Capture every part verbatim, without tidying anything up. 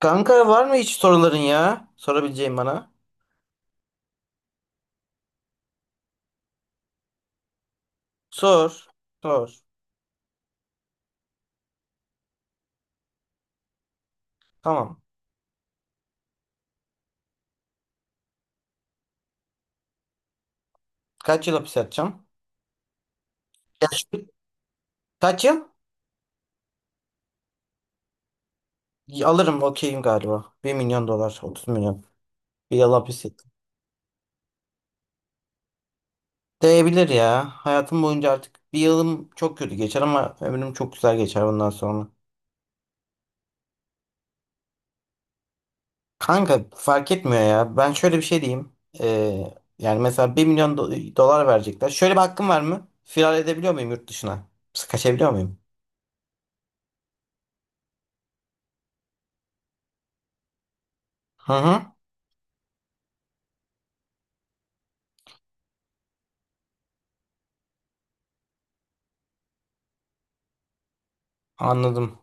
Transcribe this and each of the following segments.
Kanka var mı hiç soruların ya? Sorabileceğin bana. Sor. Sor. Tamam. Kaç yıl hapis yatacağım? Ya şu- kaç yıl? Y- Alırım okeyim galiba. Bir milyon dolar. 30 milyon. Bir yıl hapis yatacağım. Değebilir ya. Hayatım boyunca artık bir yılım çok kötü geçer ama ömrüm çok güzel geçer bundan sonra. Kanka fark etmiyor ya. Ben şöyle bir şey diyeyim. Ee, Yani mesela bir milyon do- dolar verecekler. Şöyle bir hakkım var mı? Firar edebiliyor muyum yurt dışına? Kaçabiliyor muyum? Hı hı. Anladım.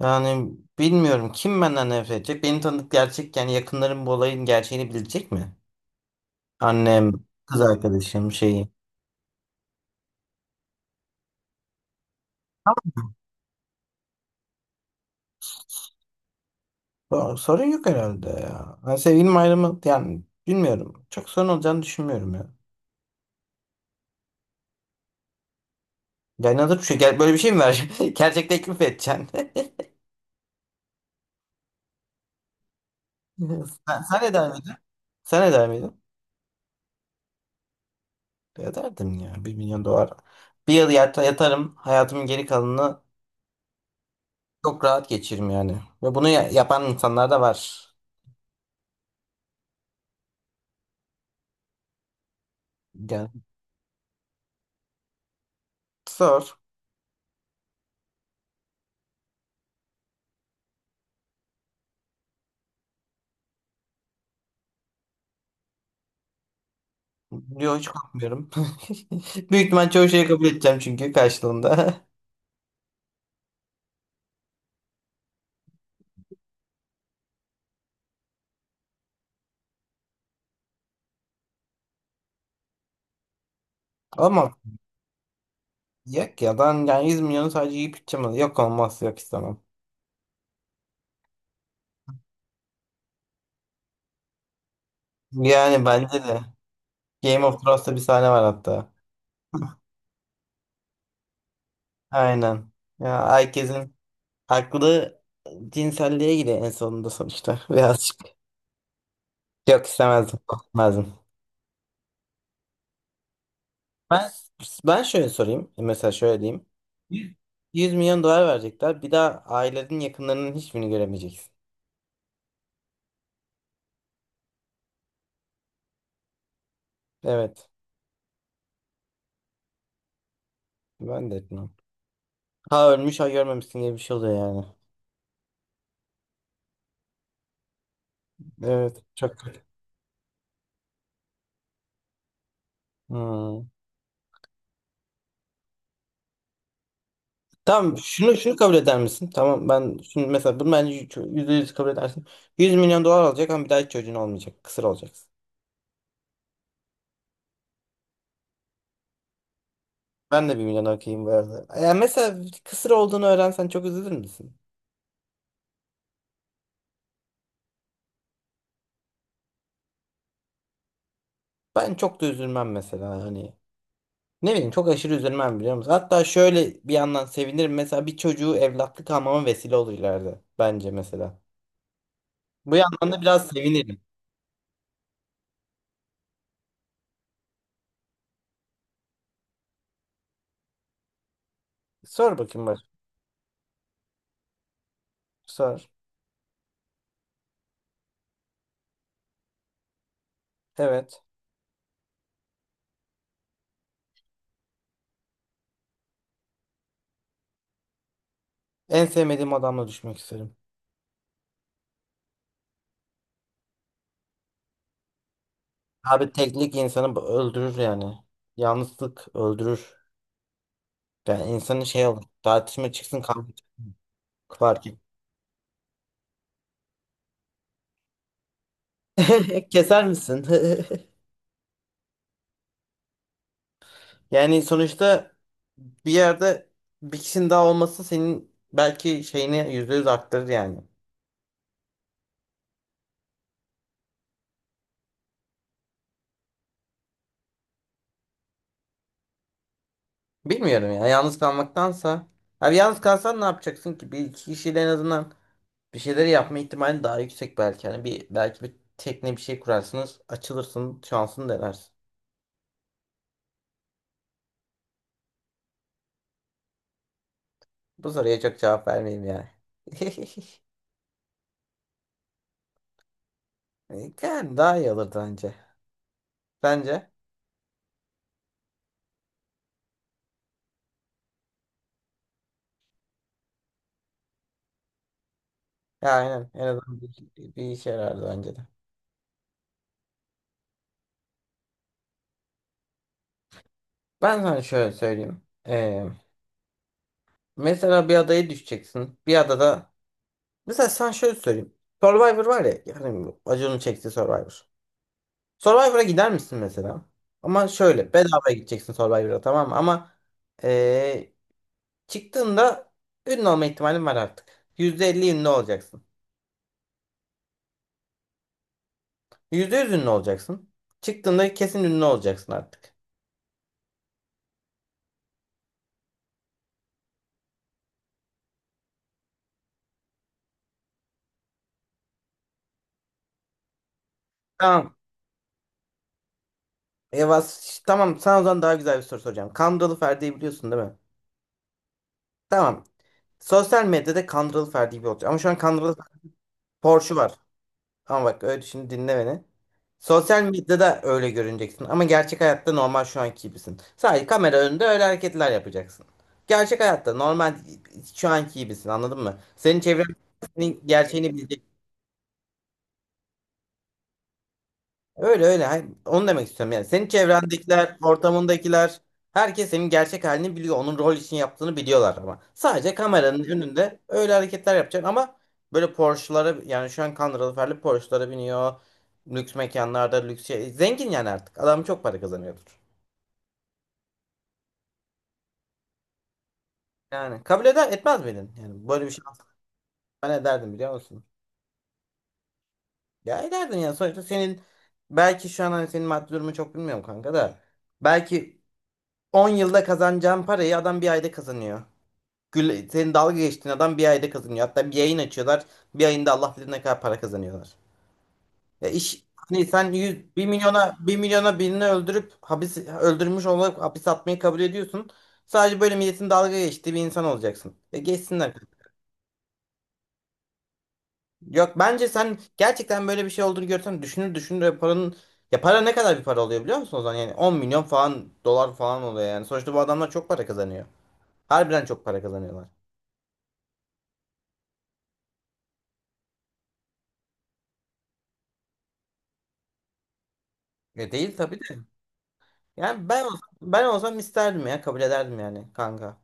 Yani bilmiyorum kim benden nefret edecek. Beni tanıdık gerçek yani yakınlarım bu olayın gerçeğini bilecek mi? Annem, kız arkadaşım şeyi. O- Sorun yok herhalde ya. Yani sevgilim ayrımı yani bilmiyorum. Çok sorun olacağını düşünmüyorum ya. Yani hazır bir şey. Gel, böyle bir şey mi ver? Gerçek teklif edeceksin. Sen, sen eder miydin? Sen eder miydin? Ederdim ya. Bir milyon dolar. Bir yıl yata- yatarım. Hayatımın geri kalanını çok rahat geçiririm yani. Ve bunu ya- yapan insanlar da var. Yani zor. Yok, hiç korkmuyorum. Büyük ihtimal çoğu şeyi kabul edeceğim çünkü karşılığında. Ama yok ya, ben yani yüz milyonu sadece yiyip içeceğim. Yok, olmaz, yok istemem. Yani bence de. Game of Thrones'ta bir sahne var hatta. Aynen. Ya, herkesin aklı cinselliğe gidiyor en sonunda sonuçta. Birazcık. Yok, istemezdim. Korkmazdım. Ben, ben şöyle sorayım. Mesela şöyle diyeyim. yüz milyon dolar verecekler. Bir daha ailenin yakınlarının hiçbirini göremeyeceksin. Evet. Ben de etmem. Ha ölmüş ha görmemişsin gibi bir şey oluyor yani. Evet, çok kötü. Hmm. Tamam, şunu şunu kabul eder misin? Tamam, ben şimdi mesela bunu bence yüzde yüz kabul edersin. yüz milyon dolar alacak ama bir daha hiç çocuğun olmayacak. Kısır olacaksın. Ben de bir milyon okeyim bu arada. Ya mesela kısır olduğunu öğrensen çok üzülür müsün? Ben çok da üzülmem mesela hani. Ne bileyim, çok aşırı üzülmem biliyor musun? Hatta şöyle bir yandan sevinirim. Mesela bir çocuğu evlatlık almama vesile olur ileride. Bence mesela. Bu yandan da biraz sevinirim. Sor bakayım bak. Sor. Evet. En sevmediğim adamla düşmek isterim. Abi teklik insanı b- öldürür yani. Yalnızlık öldürür. Yani insanın şey olur. Tartışma çıksın, kavga çıksın. Fark et. Keser misin? Yani sonuçta bir yerde bir kişinin daha olması senin belki şeyini yüzde yüz arttırır yani. Bilmiyorum ya. Yalnız kalmaktansa. Abi, yalnız kalsan ne yapacaksın ki? Bir iki kişiyle en azından bir şeyleri yapma ihtimali daha yüksek belki. Yani bir belki bir tekne bir şey kurarsınız, açılırsın, şansını denersin. Bu soruya çok cevap vermeyeyim yani. Yani daha iyi olurdu bence. Bence. Ya aynen. En azından bir, bir işe yarardı bence de. Ben sana şöyle söyleyeyim. Ee, Mesela bir adaya düşeceksin. Bir adada. Mesela sen şöyle söyleyeyim. Survivor var ya. Yani bu Acun'un çektiği Survivor. Survivor'a gider misin mesela? Ama şöyle. Bedavaya gideceksin Survivor'a, tamam mı? Ama ee, çıktığında ünlü olma ihtimalin var artık. yüzde elli ünlü olacaksın. Yüzde yüz ünlü olacaksın. Çıktığında kesin ünlü olacaksın artık. Tamam. Yavaş. Tamam. Sana o zaman daha güzel bir soru soracağım. Kandıralı Ferdi'yi biliyorsun değil mi? Tamam. Sosyal medyada Kandıralı Ferdi gibi olacak. Ama şu an Kandıralı Porsche'u var. Ama bak öyle, şimdi dinle beni. Sosyal medyada öyle görüneceksin. Ama gerçek hayatta normal şu anki gibisin. Sadece kamera önünde öyle hareketler yapacaksın. Gerçek hayatta normal şu anki gibisin, anladın mı? Senin çevren senin gerçeğini bilecek. Öyle öyle. Hayır, onu demek istiyorum yani. Senin çevrendekiler, ortamındakiler, herkes senin gerçek halini biliyor. Onun rol için yaptığını biliyorlar ama. Sadece kameranın önünde öyle hareketler yapacaksın ama böyle Porsche'lara, yani şu an Conor Alper'li Porsche'lara biniyor. Lüks mekanlarda lüks şey. Zengin yani artık. Adam çok para kazanıyordur. Yani kabul eder etmez miydin? Yani böyle bir şey olsa, ben ederdim biliyor musun? Ya ederdin yani, sonuçta senin belki şu an, hani senin maddi durumu çok bilmiyorum kanka da belki on yılda kazanacağın parayı adam bir ayda kazanıyor. Gül, senin dalga geçtiğin adam bir ayda kazanıyor. Hatta bir yayın açıyorlar. Bir ayında Allah bilir ne kadar para kazanıyorlar. Ya iş hani, sen yüz, 1 milyona 1 milyona birini öldürüp hapis, öldürmüş olarak hapis atmayı kabul ediyorsun. Sadece böyle milletin dalga geçtiği bir insan olacaksın. Ya geçsinler. Yok, bence sen gerçekten böyle bir şey olduğunu görsen düşünür düşünür ya paranın, ya para ne kadar bir para oluyor biliyor musun o zaman? Yani 10 milyon falan dolar falan oluyor yani. Sonuçta bu adamlar çok para kazanıyor. Harbiden çok para kazanıyorlar. Ya değil tabii de. Yani ben olsam, ben olsam isterdim ya, kabul ederdim yani kanka.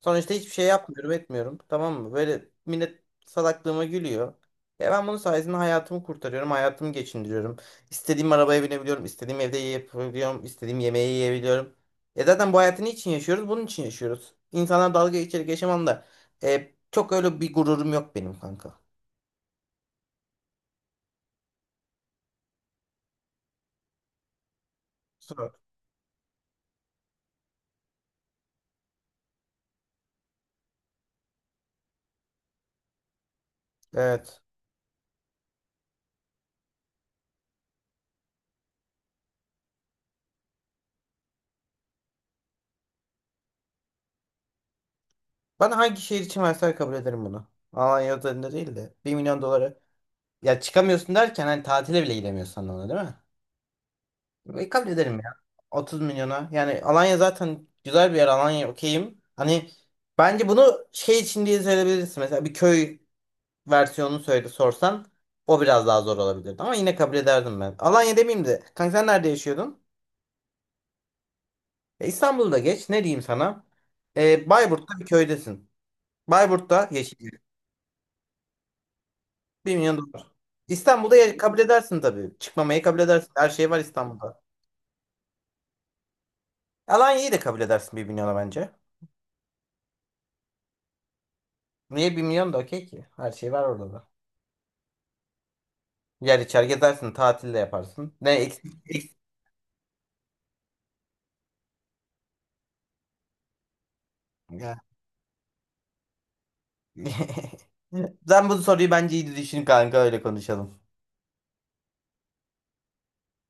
Sonuçta hiçbir şey yapmıyorum etmiyorum, tamam mı? Böyle millet salaklığıma gülüyor. Ya ben bunun sayesinde hayatımı kurtarıyorum, hayatımı geçindiriyorum. İstediğim arabaya binebiliyorum, istediğim evde yiyebiliyorum, istediğim yemeği yiyebiliyorum. E zaten bu hayatı niçin yaşıyoruz? Bunun için yaşıyoruz. İnsanlar dalga geçerek yaşamam da e, çok öyle bir gururum yok benim kanka. Sor. Evet. Bana hangi şehir için verseler kabul ederim bunu. Alanya özelinde değil de bir milyon dolara. Ya çıkamıyorsun derken hani tatile bile gidemiyorsun anlamına değil mi? E, kabul ederim ya. 30 milyona. Yani Alanya zaten güzel bir yer. Alanya okeyim. Hani bence bunu şey için diye söyleyebilirsin. Mesela bir köy versiyonunu söyle sorsan o biraz daha zor olabilirdi. Ama yine kabul ederdim ben. Alanya demeyeyim de. Kanka, sen nerede yaşıyordun? E, İstanbul'da geç. Ne diyeyim sana? E, Bayburt'ta bir köydesin. Bayburt'ta yeşil. bir milyon dolar milyon dolar. İstanbul'da ya- kabul edersin tabii. Çıkmamayı kabul edersin. Her şey var İstanbul'da. Alanya'yı da kabul edersin bir milyona bence. Niye bir milyon da okey ki? Her şey var orada da. Yer içer gezersin, tatil de yaparsın. Ne eksik eksik. Ya. Sen bu soruyu bence iyi düşün kanka, öyle konuşalım.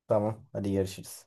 Tamam, hadi görüşürüz.